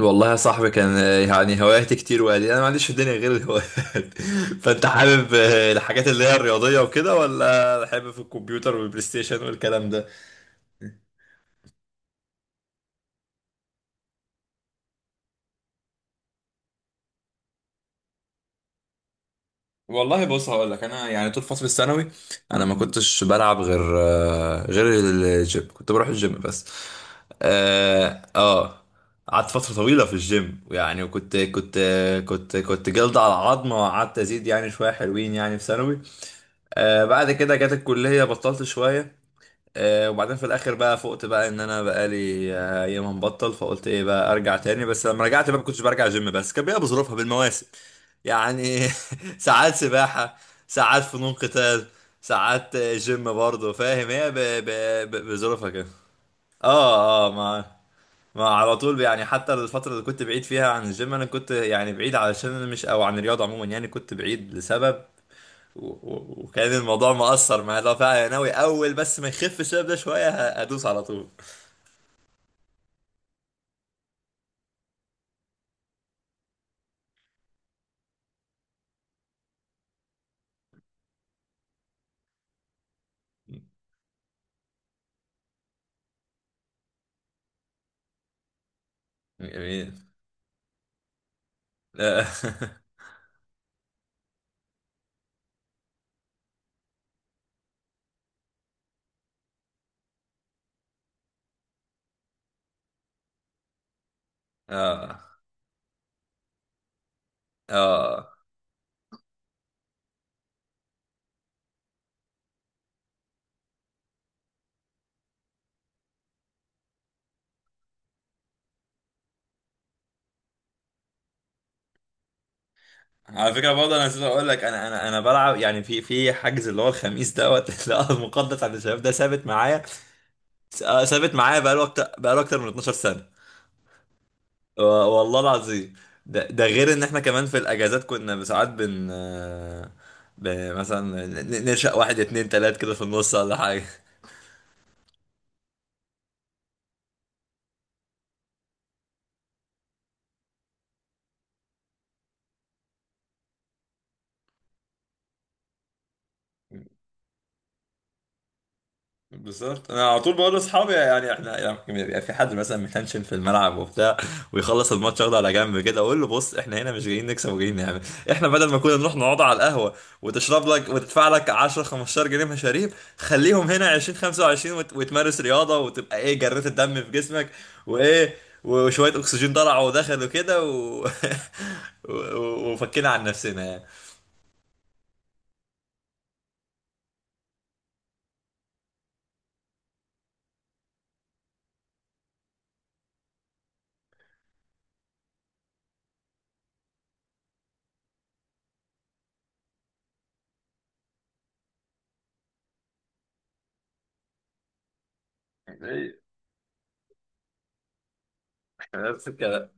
والله يا صاحبي كان يعني هواياتي كتير، وقال لي انا ما عنديش في الدنيا غير الهوايات. فانت حابب الحاجات اللي هي الرياضيه وكده، ولا حابب في الكمبيوتر والبلاي ستيشن والكلام ده؟ والله بص، هقول لك. انا يعني طول فتره الثانوي انا ما كنتش بلعب غير الجيم، كنت بروح الجيم بس. اه آه. قعدت فتره طويله في الجيم يعني، وكنت كنت جلد على عظمه، وقعدت ازيد يعني شويه حلوين يعني في ثانوي. بعد كده جت الكليه، بطلت شويه. وبعدين في الاخر بقى فقت بقى ان انا بقالي ايام مبطل، فقلت ايه بقى، ارجع تاني. بس لما رجعت بقى ما كنتش برجع جيم بس، كان بيبقى بظروفها بالمواسم يعني. ساعات سباحة، ساعات فنون قتال، ساعات جيم برضه. فاهم، هي بظروفها كده. اه اه. ما على طول يعني. حتى الفترة اللي كنت بعيد فيها عن الجيم، انا كنت يعني بعيد علشان انا مش، او عن الرياضة عموما، يعني كنت بعيد لسبب. و- وكان الموضوع مأثر معايا. لو فعلا أنا ناوي، أول بس ما يخف الشباب ده شوية، هدوس على طول. جميل. آه. آه آه. على فكرة برضه أنا نسيت أقول لك، أنا بلعب يعني في حجز، اللي هو الخميس دوت. لا، المقدس عند الشباب ده ثابت معايا. ثابت معايا بقاله أكتر من 12 سنة. والله العظيم. ده غير إن إحنا كمان في الأجازات كنا ساعات بن آه، مثلا ننشأ واحد اتنين تلات كده في النص ولا حاجة. بالظبط، انا على طول بقول لاصحابي يعني احنا لما بيبقى في حد مثلا متنشن في الملعب وبتاع ويخلص الماتش ياخده على جنب كده، اقول له بص، احنا هنا مش جايين نكسب، وجايين نعمل. احنا بدل ما كنا نروح نقعد على القهوه وتشرب لك وتدفع لك 10 15 جنيه مشاريب، خليهم هنا 20 25. وتمارس رياضه وتبقى ايه، جريت الدم في جسمك، وايه، وشويه اكسجين طلع ودخل وكده وفكينا عن نفسنا يعني. إيه، نفس الكلام.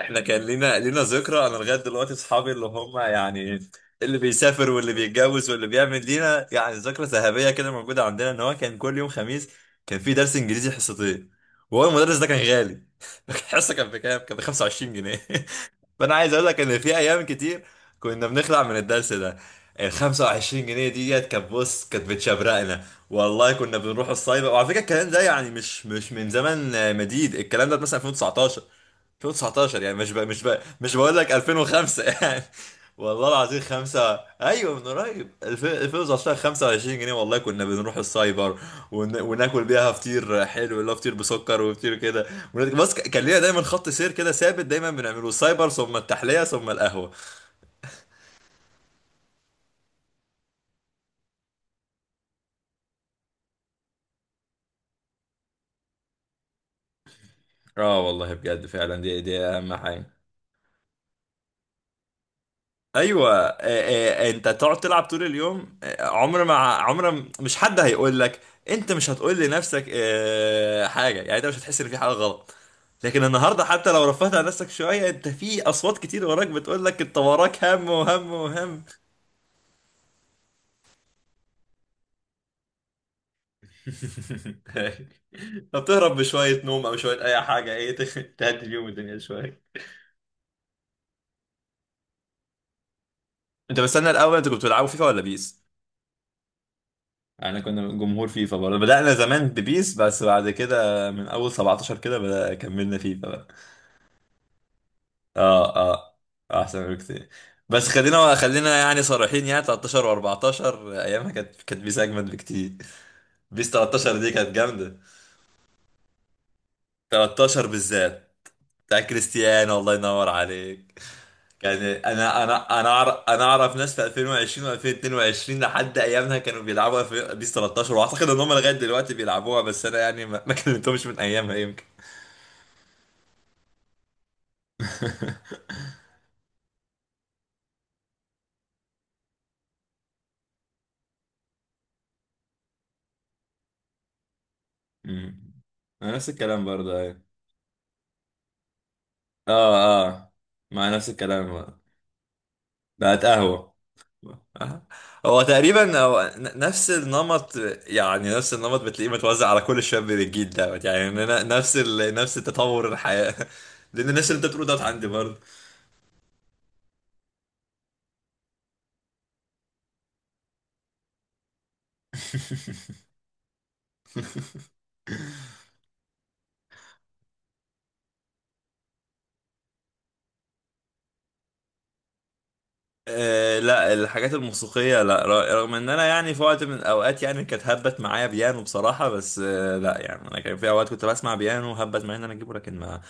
احنا كان لينا ذكرى انا لغايه دلوقتي. اصحابي اللي هم يعني اللي بيسافر، واللي بيتجوز، واللي بيعمل، لينا يعني ذكرى ذهبيه كده موجوده عندنا، ان هو كان كل يوم خميس كان في درس انجليزي حصتين، وهو المدرس ده كان غالي. الحصه كان بكام؟ كان ب 25 جنيه. فانا عايز اقول لك ان في ايام كتير كنا بنخلع من الدرس ده. ال 25 جنيه ديت بص كانت بتشبرقنا. والله كنا بنروح الصايبه. وعلى فكره الكلام ده يعني مش من زمن مديد. الكلام ده مثلا 2019. 2019 يعني مش بقول لك 2005 يعني. والله العظيم. خمسة. ايوه، من قريب. 2019، 25 جنيه. والله كنا بنروح السايبر وناكل بيها فطير حلو، اللي هو فطير بسكر وفطير كده. بس كان لينا دايما خط سير كده ثابت دايما بنعمله، السايبر ثم التحلية ثم القهوة. اه، والله بجد فعلا دي اهم حاجة. ايوه. انت تقعد تلعب طول اليوم، عمر ما، مش حد هيقول لك. انت مش هتقول لنفسك حاجه يعني، انت مش هتحس ان في حاجه غلط. لكن النهارده حتى لو رفعت عن نفسك شويه، انت في اصوات كتير وراك بتقول لك انت وراك هم وهم وهم. فبتهرب بشوية نوم أو شوية أي حاجة، إيه، تهدي اليوم الدنيا شوية. انت بستنى الاول، انت كنت بتلعبوا فيفا ولا بيس؟ احنا كنا جمهور فيفا برضه، بدأنا زمان ببيس. بس بعد كده من اول 17 كده بدأ كملنا فيفا بقى. اه اه، احسن بكتير. بس خلينا يعني صريحين، يعني 13 و14 ايامها كانت بيس اجمد بكتير. بيس 13 دي كانت جامدة. 13 بالذات بتاع كريستيانو، الله ينور عليك. يعني انا اعرف ناس في 2020 و2022 لحد ايامها كانوا بيلعبوا في بيس 13، واعتقد ان هم لغايه دلوقتي بيلعبوها. بس انا يعني ما كلمتهمش من ايامها يمكن. أمم. أنا نفس الكلام برضه. أيوة. اه اه. مع نفس الكلام برضه. بقت قهوه. آه. هو تقريبا هو نفس النمط. يعني نفس النمط بتلاقيه متوزع على كل الشباب الجيل دوت. يعني إن نفس التطور الحياه. لان الناس اللي انت بتقوله دوت عندي برضه. لا، الحاجات الموسيقية لا. رغم ان انا يعني في وقت من الاوقات يعني كانت هبت معايا بيانو بصراحة، بس لا، يعني انا كان في اوقات كنت بسمع بيانو هبت معايا ان انا اجيبه، لكن ما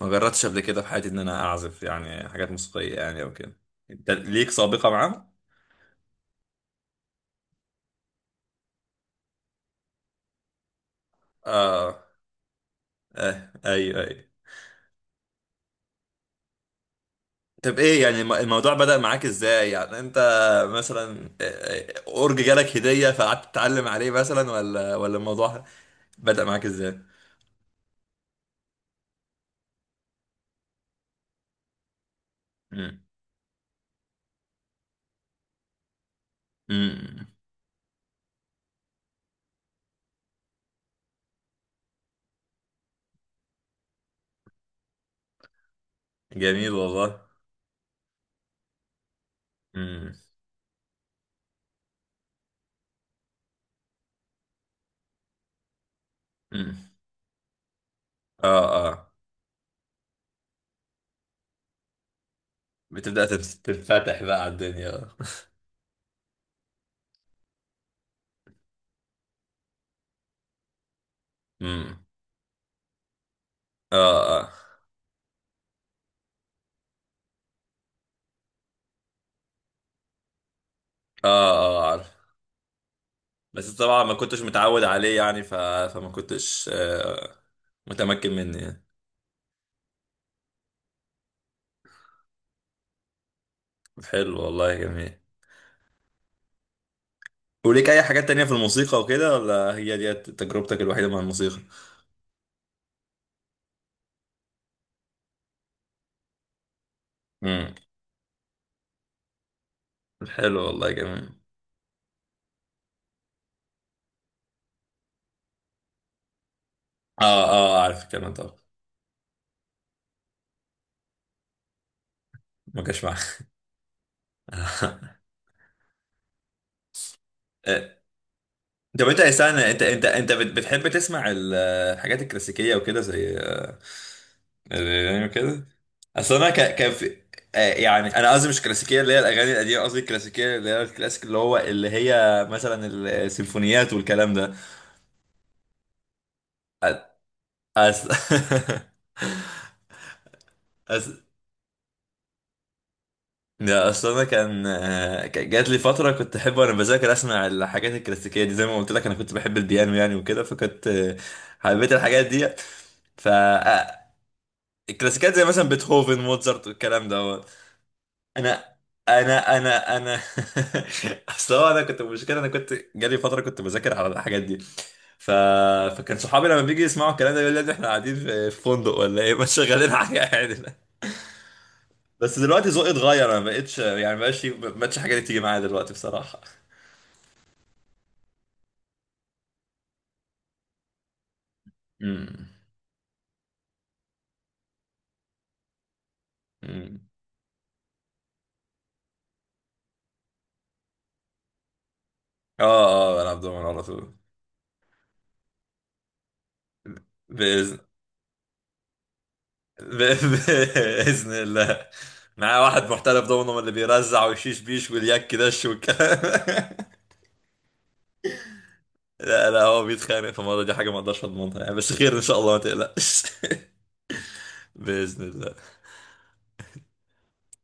ما جربتش قبل كده في حياتي ان انا اعزف يعني حاجات موسيقية يعني او كده. انت ليك سابقة معاهم؟ اه آه، ايوه ايوه. طب ايه يعني، الموضوع بدأ معاك ازاي يعني، انت مثلا اورج جالك هدية فقعدت تتعلم عليه مثلا، ولا الموضوع بدأ معاك ازاي؟ مم. مم. جميل والله. امم. امم. اه اه. بتبدأ تتفتح بقى على الدنيا. امم. اه اه. اه اه، عارف. بس طبعا ما كنتش متعود عليه يعني فما كنتش متمكن مني يعني. حلو والله، جميل. وليك اي حاجات تانية في الموسيقى وكده، ولا هي دي تجربتك الوحيدة مع الموسيقى؟ امم. حلو والله، جميل. اه اه، عارف الكلام طبعا. ما جاش معاك. آه، طب انت، يا سنة، انت بتحب تسمع الحاجات الكلاسيكية وكده زي يعني كده. اصل انا كان في يعني انا قصدي مش كلاسيكيه اللي هي الاغاني القديمه. قصدي الكلاسيكيه اللي هي الكلاسيك، اللي هي مثلا السيمفونيات والكلام ده. أصل أصل لا، أصل أنا كان جات لي فترة كنت أحب وأنا بذاكر أسمع الحاجات الكلاسيكية دي. زي ما قلت لك، أنا كنت بحب البيانو يعني وكده، فكنت حبيت الحاجات دي. ف آه، الكلاسيكيات زي مثلا بيتهوفن، موزارت والكلام ده. انا انا اصل هو انا كنت، المشكله انا كنت جالي فتره كنت بذاكر على الحاجات دي ف... فكان صحابي لما بيجي يسمعوا الكلام ده يقول لي يا ابني احنا قاعدين في فندق ولا ايه. مش شغالين حاجه عادي. بس دلوقتي ذوقي اتغير، انا ما بقتش يعني ما بقتش ما بقتش حاجه دي تيجي معايا دلوقتي بصراحه. امم. أمم. اه اه، بلعب دومين على طول. باذن ب... باذن الله. معايا واحد محترف دومينو، من اللي بيرزع ويشيش بيش واليك دش والكلام. لا لا، هو بيتخانق. فالمرة دي حاجة ما اقدرش اضمنها يعني، بس خير ان شاء الله، ما تقلقش. بإذن الله.